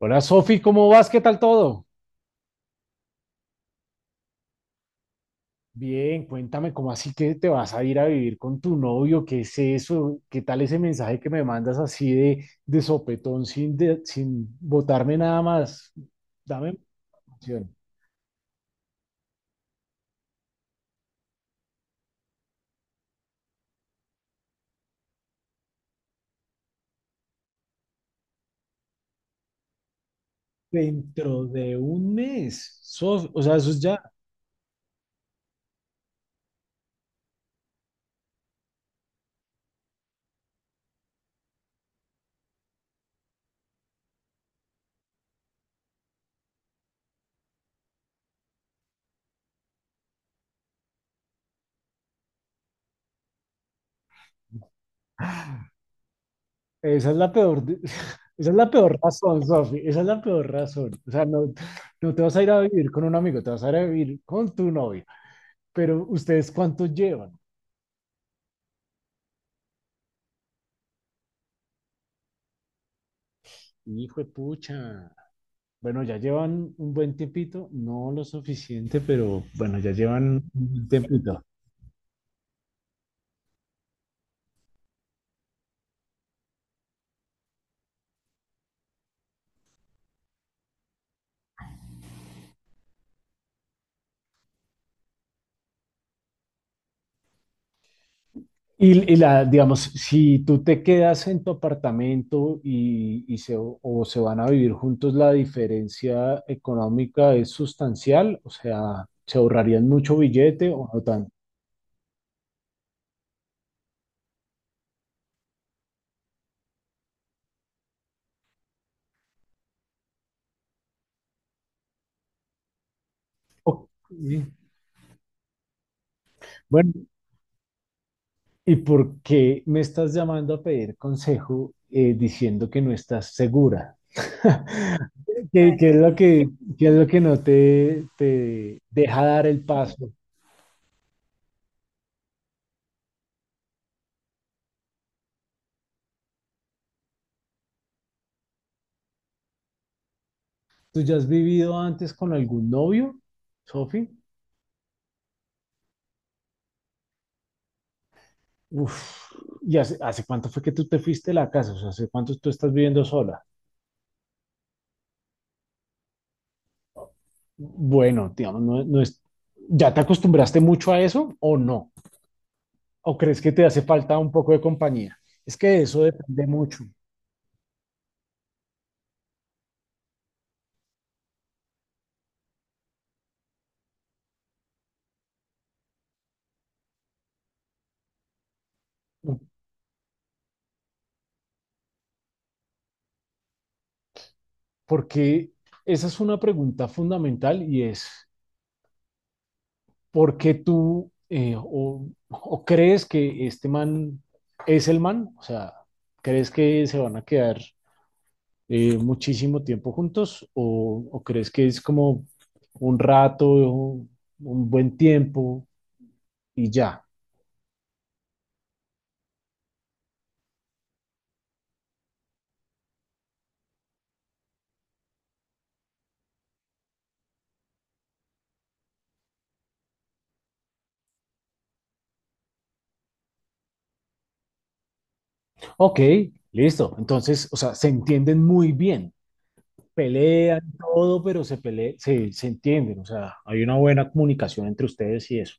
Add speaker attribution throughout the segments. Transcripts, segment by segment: Speaker 1: Hola Sofi, ¿cómo vas? ¿Qué tal todo? Bien, cuéntame, ¿cómo así que te vas a ir a vivir con tu novio? ¿Qué es eso? ¿Qué tal ese mensaje que me mandas así de sopetón sin botarme nada más? Dame información. Dentro de un mes, Sofi, o sea, eso es ya, esa es la peor, de- esa es la peor razón, Sofi, esa es la peor razón. O sea, no, no te vas a ir a vivir con un amigo, te vas a ir a vivir con tu novio. Pero, ¿ustedes cuánto llevan? Hijo de pucha. Bueno, ya llevan un buen tiempito, no lo suficiente, pero bueno, ya llevan un buen tiempito. Y digamos, si tú te quedas en tu apartamento y o se van a vivir juntos, la diferencia económica es sustancial, o sea, se ahorrarían mucho billete o no tanto. Ok. Bueno, ¿y por qué me estás llamando a pedir consejo diciendo que no estás segura? ¿Qué es lo que no te deja dar el paso? ¿Tú ya has vivido antes con algún novio, Sofi? Uf, ¿y hace cuánto fue que tú te fuiste de la casa? O sea, ¿hace cuánto tú estás viviendo sola? Bueno, digamos, no, no es, ¿ya te acostumbraste mucho a eso o no? ¿O crees que te hace falta un poco de compañía? Es que de eso depende mucho, ¿no? Porque esa es una pregunta fundamental y es... ¿por qué tú o crees que este man es el man? O sea, ¿crees que se van a quedar muchísimo tiempo juntos o crees que es como un rato, un buen tiempo y ya? Ok, listo. Entonces, o sea, se entienden muy bien. Pelean todo, pero se entienden. O sea, hay una buena comunicación entre ustedes y eso.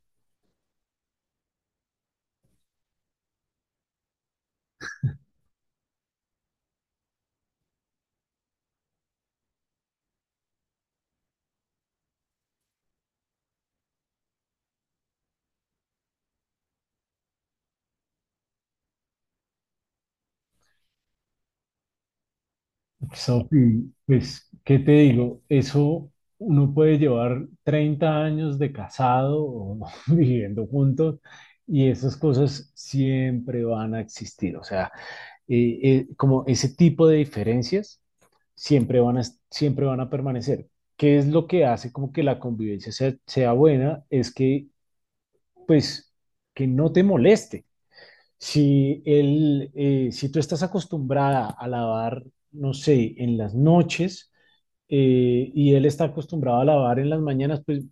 Speaker 1: Sofi, pues, ¿qué te digo? Eso uno puede llevar 30 años de casado o viviendo juntos y esas cosas siempre van a existir. O sea, como ese tipo de diferencias siempre van a, siempre van a permanecer. ¿Qué es lo que hace como que la convivencia sea, sea buena? Es que, pues, que no te moleste. Si tú estás acostumbrada a lavar, no sé, en las noches, y él está acostumbrado a lavar en las mañanas, pues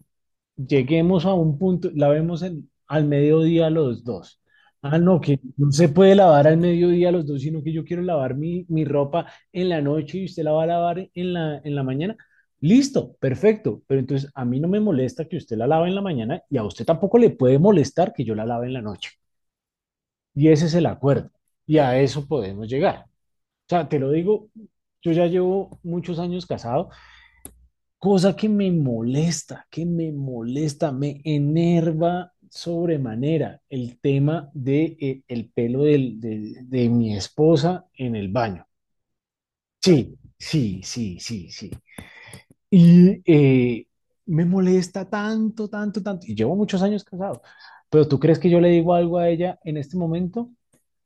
Speaker 1: lleguemos a un punto, lavemos al mediodía los dos. Ah, no, que no se puede lavar al mediodía los dos, sino que yo quiero lavar mi ropa en la noche y usted la va a lavar en la mañana. Listo, perfecto, pero entonces a mí no me molesta que usted la lave en la mañana y a usted tampoco le puede molestar que yo la lave en la noche. Y ese es el acuerdo. Y a eso podemos llegar. O sea, te lo digo, yo ya llevo muchos años casado, cosa que me molesta, me enerva sobremanera el tema de, el pelo de mi esposa en el baño. Sí, sí, sí, sí, sí. Y me molesta tanto, tanto, tanto. Y llevo muchos años casado. Pero ¿tú crees que yo le digo algo a ella en este momento?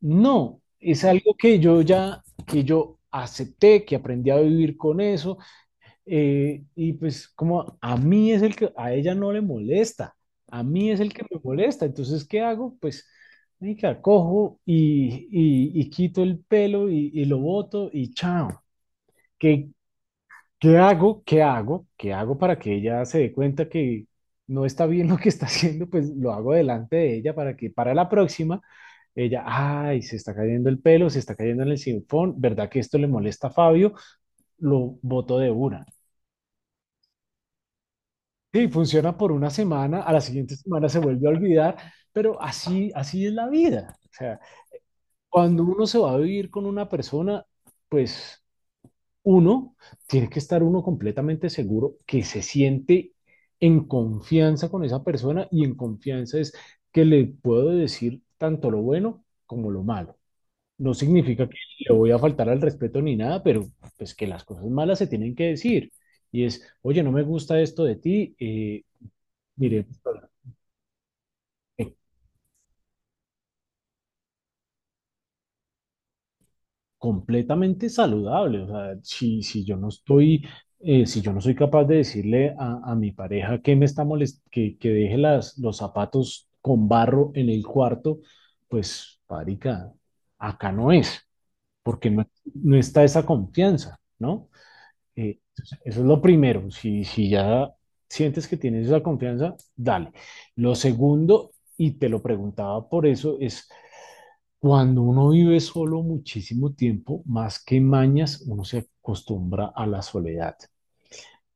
Speaker 1: No, es algo que yo ya, que yo acepté, que aprendí a vivir con eso, y pues como a mí es el que a ella no le molesta, a mí es el que me molesta, entonces ¿qué hago? Pues marica, cojo y quito el pelo y lo boto y chao. ¿Qué, qué hago? ¿Qué hago? ¿Qué hago para que ella se dé cuenta que no está bien lo que está haciendo? Pues lo hago delante de ella para que para la próxima ella, ay, se está cayendo el pelo, se está cayendo en el sinfón, ¿verdad que esto le molesta a Fabio? Lo boto de una. Sí, funciona por una semana, a la siguiente semana se vuelve a olvidar, pero así, así es la vida. O sea, cuando uno se va a vivir con una persona, pues uno tiene que estar uno completamente seguro que se siente en confianza con esa persona y en confianza es que le puedo decir tanto lo bueno como lo malo. No significa que le voy a faltar al respeto ni nada, pero pues que las cosas malas se tienen que decir. Y es, oye, no me gusta esto de ti, mire, pues, eh, completamente saludable. O sea, si, si yo no estoy, si yo no soy capaz de decirle a mi pareja que me está molest que deje las, los zapatos con barro en el cuarto, pues, marica, acá no es, porque no, no está esa confianza, ¿no? Entonces, eso es lo primero. Si, si ya sientes que tienes esa confianza, dale. Lo segundo, y te lo preguntaba por eso, es cuando uno vive solo muchísimo tiempo, más que mañas, uno se acostumbra a la soledad,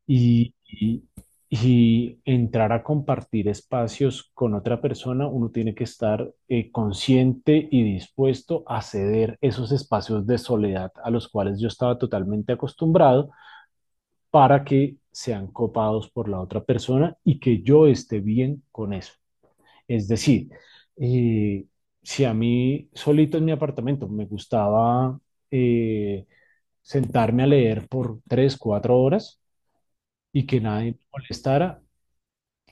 Speaker 1: y, y- y entrar a compartir espacios con otra persona, uno tiene que estar consciente y dispuesto a ceder esos espacios de soledad a los cuales yo estaba totalmente acostumbrado para que sean copados por la otra persona y que yo esté bien con eso. Es decir, eh, si a mí solito en mi apartamento me gustaba eh, sentarme a leer por tres, cuatro horas y que nadie me molestara,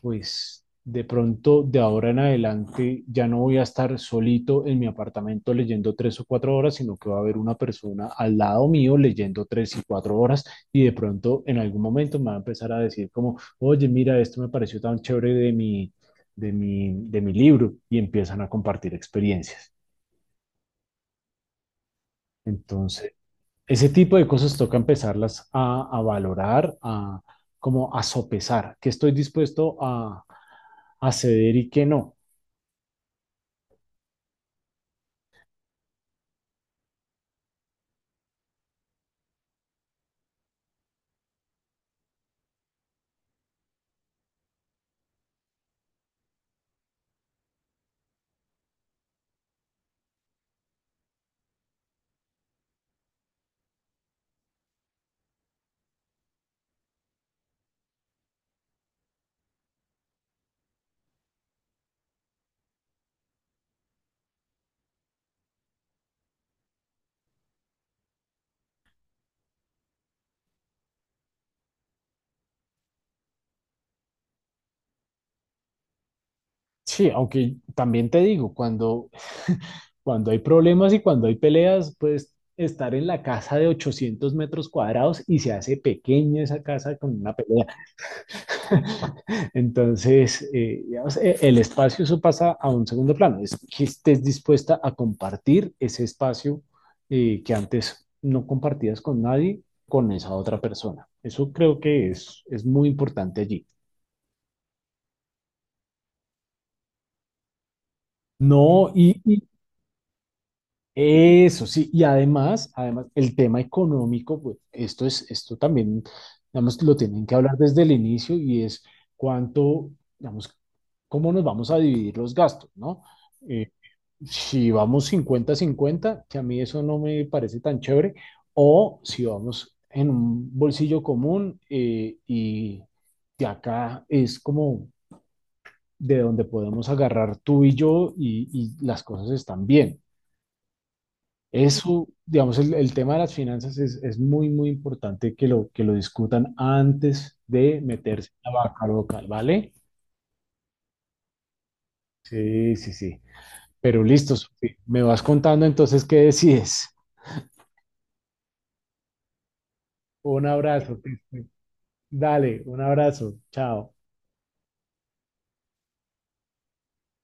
Speaker 1: pues de pronto de ahora en adelante ya no voy a estar solito en mi apartamento leyendo tres o cuatro horas, sino que va a haber una persona al lado mío leyendo tres y cuatro horas y de pronto en algún momento me va a empezar a decir como, oye, mira, esto me pareció tan chévere de mi libro y empiezan a compartir experiencias. Entonces, ese tipo de cosas toca empezarlas a valorar, a como a sopesar, que estoy dispuesto a ceder y que no. Sí, aunque también te digo, cuando hay problemas y cuando hay peleas, pues estar en la casa de 800 metros cuadrados y se hace pequeña esa casa con una pelea. Entonces, digamos, el espacio, eso pasa a un segundo plano, es que estés dispuesta a compartir ese espacio que antes no compartías con nadie, con esa otra persona. Eso creo que es muy importante allí. No, y, eso sí, y además, además, el tema económico, pues esto también, digamos, lo tienen que hablar desde el inicio y es cuánto, digamos, cómo nos vamos a dividir los gastos, ¿no? Eh, si vamos 50/50, que a mí eso no me parece tan chévere, o si vamos en un bolsillo común, y de acá es como de donde podemos agarrar tú y yo y las cosas están bien. Eso, digamos, el tema de las finanzas es muy, muy importante que que lo discutan antes de meterse a la vaca local, ¿vale? Sí, sí, sí. Pero listo, Sofi, me vas contando entonces qué decides. Un abrazo. Cristian. Dale, un abrazo. Chao.